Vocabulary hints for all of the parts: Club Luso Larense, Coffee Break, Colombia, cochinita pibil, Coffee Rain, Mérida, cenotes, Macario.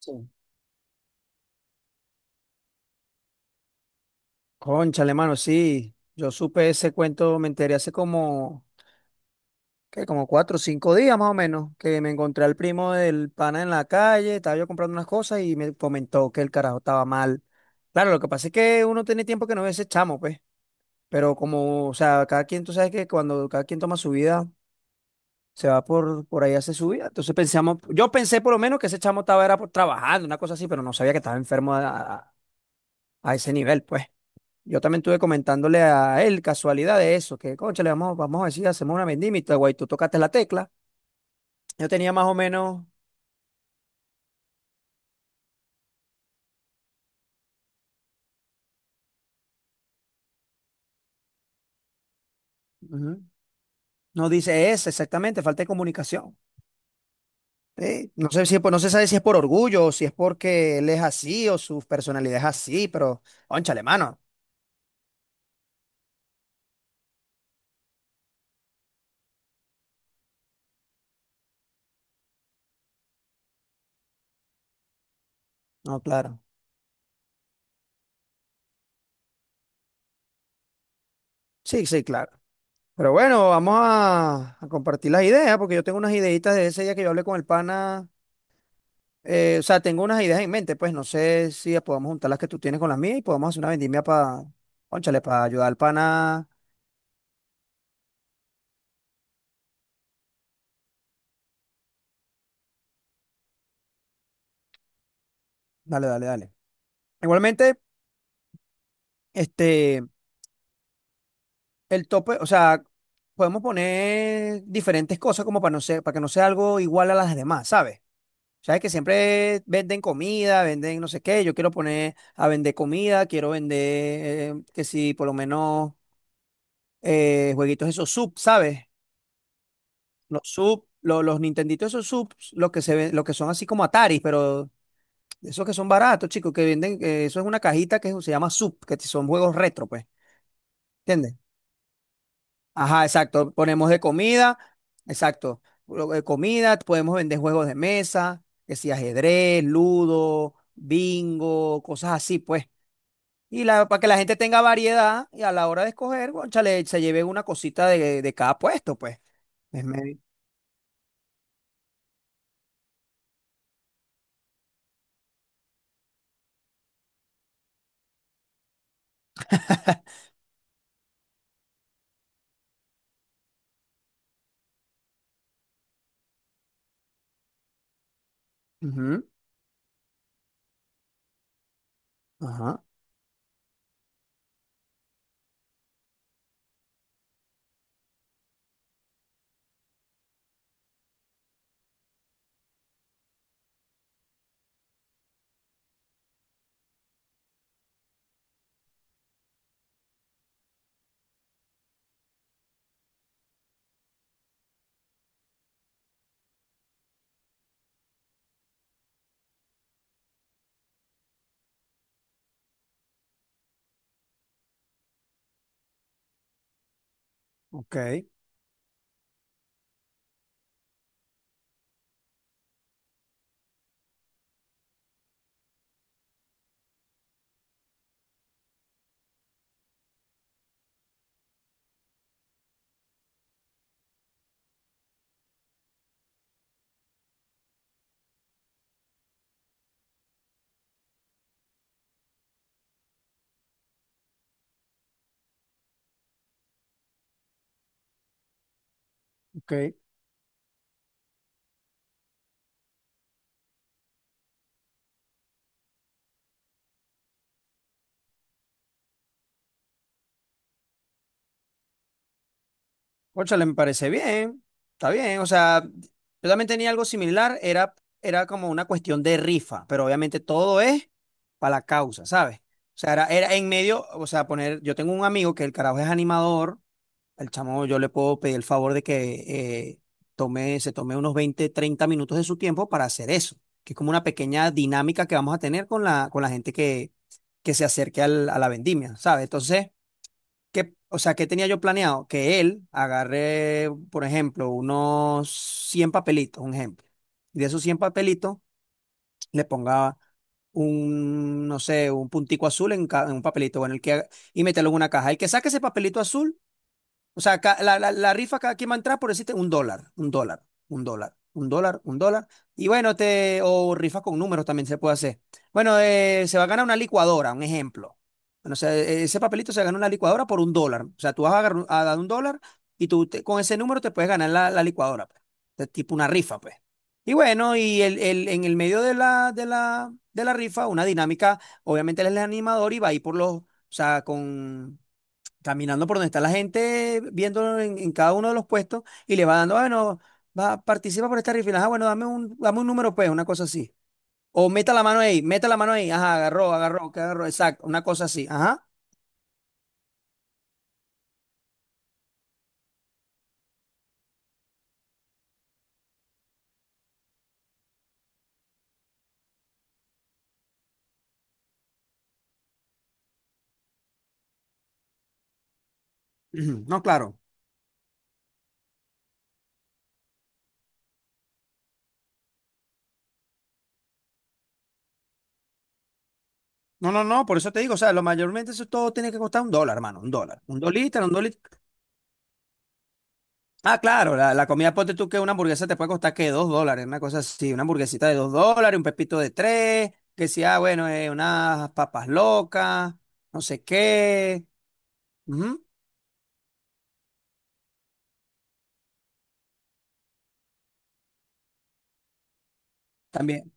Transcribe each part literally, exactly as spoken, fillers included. Sí. Cónchale, mano, sí. Yo supe ese cuento, me enteré hace como, ¿qué? Como cuatro o cinco días más o menos, que me encontré al primo del pana en la calle. Estaba yo comprando unas cosas y me comentó que el carajo estaba mal. Claro, lo que pasa es que uno tiene tiempo que no ve ese chamo, pues. Pero como, o sea, cada quien, tú sabes que cuando cada quien toma su vida, se va por, por ahí, hace su vida. Entonces pensamos, yo pensé por lo menos que ese chamo estaba era por- trabajando, una cosa así, pero no sabía que estaba enfermo a, a a ese nivel, pues. Yo también estuve comentándole a él casualidad de eso, que concha, le vamos, vamos a decir, hacemos una vendimita, güey, tú tocaste la tecla. Yo tenía más o menos, ujú, no dice eso exactamente, falta de comunicación. Sí, no sé si, es por- no se sabe si es por orgullo o si es porque él es así o su personalidad es así, pero cónchale, mano. No, claro. Sí, sí, claro. Pero bueno, vamos a, a compartir las ideas, porque yo tengo unas ideitas de ese día que yo hablé con el pana. Eh, o sea, tengo unas ideas en mente, pues no sé si podemos juntar las que tú tienes con las mías y podemos hacer una vendimia para, ónchale, para ayudar al pana. Dale, dale, dale. Igualmente, este, el tope, o sea, podemos poner diferentes cosas como para no ser, para que no sea algo igual a las demás, ¿sabes? Sabes que siempre venden comida, venden no sé qué. Yo quiero poner a vender comida, quiero vender, eh, que si por lo menos eh, jueguitos esos sub, ¿sabes? Los sub, lo- los Nintenditos, esos subs, los que se ven, los que son así como Ataris, pero esos que son baratos, chicos, que venden, eh, eso es una cajita que se llama sub, que son juegos retro, pues, ¿entiendes? Ajá, exacto. Ponemos de comida, exacto. Lo- eh, comida, podemos vender juegos de mesa, que si ajedrez, ludo, bingo, cosas así, pues. Y la, para que la gente tenga variedad y a la hora de escoger, cónchale, se lleve una cosita de, de cada puesto, pues. Es medio- Ujú, ajá, ok, ok. Cónchale, me parece bien, está bien. O sea, yo también tenía algo similar, era, era como una cuestión de rifa, pero obviamente todo es para la causa, ¿sabes? O sea, era, era en medio, o sea, poner, yo tengo un amigo que el carajo es animador. El chamo yo le puedo pedir el favor de que eh, tome, se tome unos veinte treinta minutos de su tiempo para hacer eso, que es como una pequeña dinámica que vamos a tener con la, con la gente que, que se acerque al- a la vendimia, ¿sabes? Entonces... ¿Qué, o sea, qué tenía yo planeado? Que él agarre, por ejemplo, unos cien papelitos, un ejemplo. Y de esos cien papelitos le ponga un, no sé, un puntico azul en, ca- en un papelito, bueno, el que, haga- y meterlo en una caja. El que saque ese papelito azul, o sea, ca- la, la- la rifa, cada quien va a entrar por decirte un dólar, un dólar, un dólar, un dólar, un dólar. Y bueno, te, o rifa con números también se puede hacer. Bueno, eh, se va a ganar una licuadora, un ejemplo. Bueno, o sea, e- e, ese papelito se gana una licuadora por un dólar. O sea, tú vas a, agarrar- a dar un dólar, y tú te- con ese número te puedes ganar la, la licuadora, pues. De tipo una rifa, pues. Y bueno, y el, el- en el medio de la, de la, de la rifa, una dinámica, obviamente él es el animador y va a ir por los, o sea, con caminando por donde está la gente, viéndolo en, en cada uno de los puestos y le va dando: "Ah, bueno, va, participa por esta rifle, ah, bueno, dame un, dame un número, pues, una cosa así". O meta la mano ahí, meta la mano ahí, ajá, agarró, agarró, que agarró, exacto, una cosa así, ajá. Ujú, no, claro. No, no, no, por eso te digo, o sea, lo mayormente eso todo tiene que costar un dólar, hermano, un dólar. Un dolita, un dólar. Ah, claro, la, la comida, ponte tú que una hamburguesa te puede costar que dos dólares, una cosa así, una hamburguesita de dos dólares, un pepito de tres, que si, ah, bueno, eh, unas papas locas, no sé qué. Ujú. También,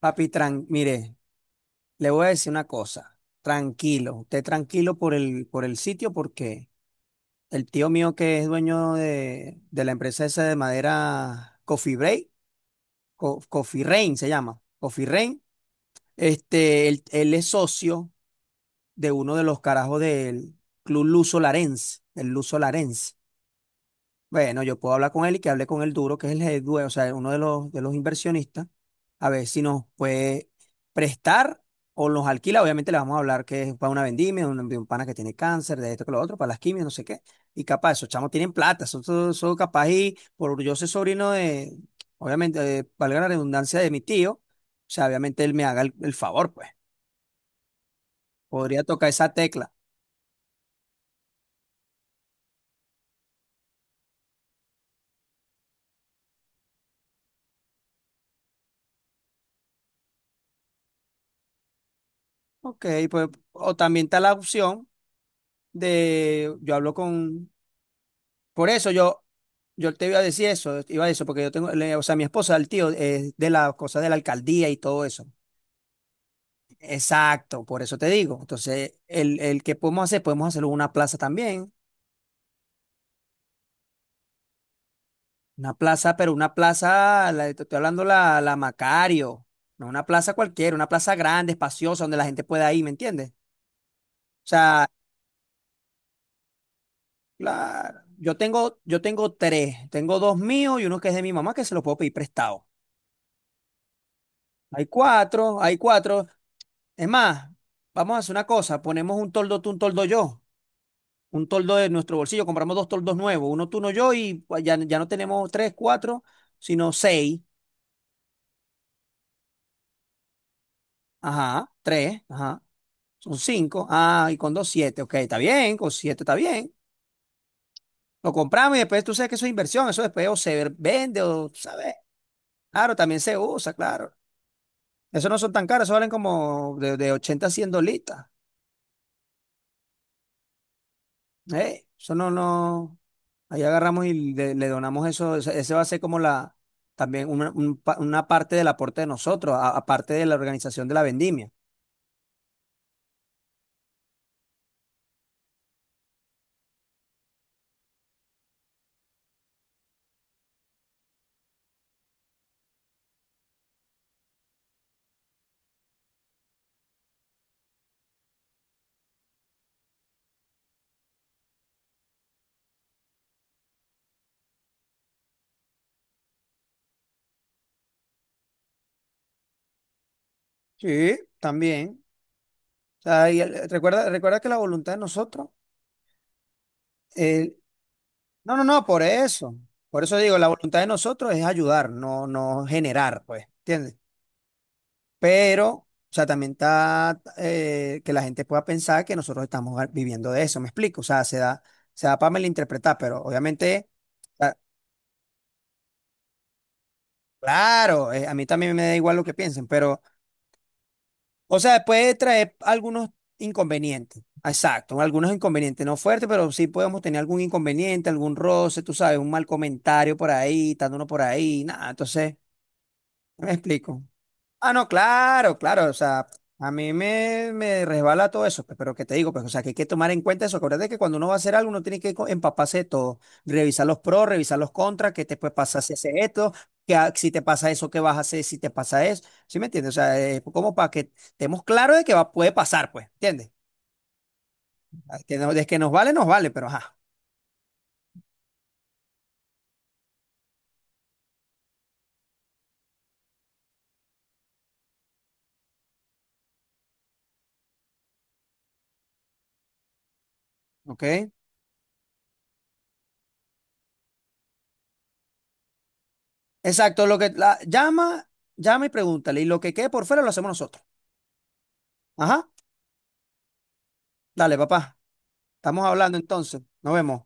papi, tran- mire, le voy a decir una cosa, tranquilo, usted tranquilo por el, por el sitio, porque el tío mío que es dueño de, de la empresa esa de madera Coffee Break, Co- Coffee Rain se llama, Coffee Rain, este, él él es socio de uno de los carajos del Club Luso Larense, el Luso Larense. Bueno, yo puedo hablar con él y que hable con el duro, que es el head due- o sea, uno de los, de los inversionistas, a ver si nos puede prestar o nos alquila. Obviamente le vamos a hablar que es para una vendimia, un, de un pana que tiene cáncer, de esto que lo otro, para las quimios, no sé qué. Y capaz, esos chamos tienen plata, son, son, son, capaz y por yo ser sobrino de, obviamente, eh, valga la redundancia de mi tío, o sea, obviamente él me haga el el favor, pues. Podría tocar esa tecla. Ok, pues, o también está la opción de, yo hablo con, por eso yo, yo te iba a decir eso, iba a decir eso, porque yo tengo, le- o sea, mi esposa, el tío, es de las cosas de la alcaldía y todo eso. Exacto, por eso te digo. Entonces, el, el que podemos hacer, podemos hacerlo en una plaza también, una plaza, pero una plaza, la, te estoy hablando la, la Macario, no una plaza cualquiera, una plaza grande, espaciosa, donde la gente pueda ir, ¿me entiendes? O sea, claro. Yo tengo, yo tengo tres. Tengo dos míos y uno que es de mi mamá que se lo puedo pedir prestado. Hay cuatro, hay cuatro. Es más, vamos a hacer una cosa. Ponemos un toldo tú, un toldo yo. Un toldo de nuestro bolsillo. Compramos dos toldos nuevos. Uno tú, uno yo, y pues, ya, ya no tenemos tres, cuatro, sino seis. Ajá, tres, ajá. Son cinco. Ah, y con dos, siete. Ok, está bien. Con siete está bien. Lo compramos y después tú sabes que eso es inversión. Eso después o se vende o, ¿sabes? Claro, también se usa, claro. Eso no son tan caros, eso valen como de, de ochenta a cien dolitas. Eh, Eso no, no. Ahí agarramos y le, le donamos eso. Ese ese va a ser como la, también una, un pa- una parte del aporte de nosotros, a- aparte de la organización de la vendimia. Sí, también. O sea, y el- recuerda, recuerda que la voluntad de nosotros, eh, no, no, no, por eso. Por eso digo, la voluntad de nosotros es ayudar, no, no generar, pues. ¿Entiendes? Pero, o sea, también está eh, que la gente pueda pensar que nosotros estamos a- viviendo de eso, ¿me explico? O sea, se da, se da para malinterpretar, pero obviamente, o claro, eh, a mí también me da igual lo que piensen, pero, o sea, puede traer algunos inconvenientes, exacto, algunos inconvenientes, no fuertes, pero sí podemos tener algún inconveniente, algún roce, tú sabes, un mal comentario por ahí, dándonos por ahí, nada, entonces, ¿me explico? Ah, no, claro, claro, o sea, a mí me, me resbala todo eso, pues, pero que te digo, pues, o sea, que hay que tomar en cuenta eso. Acuérdate que cuando uno va a hacer algo, uno tiene que co- empaparse de todo, revisar los pros, revisar los contras, qué te puede pasar si haces esto, que ha- si te pasa eso, qué vas a hacer si te pasa eso, ¿sí me entiendes? O sea, eh, como para que estemos claros de que va, puede pasar, pues, ¿entiendes? Ah, que no, de que nos vale, nos vale, pero ajá, ¿ok? Exacto, lo que la, llama, llama y pregúntale, y lo que quede por fuera lo hacemos nosotros. Ajá, dale, papá, estamos hablando entonces, nos vemos.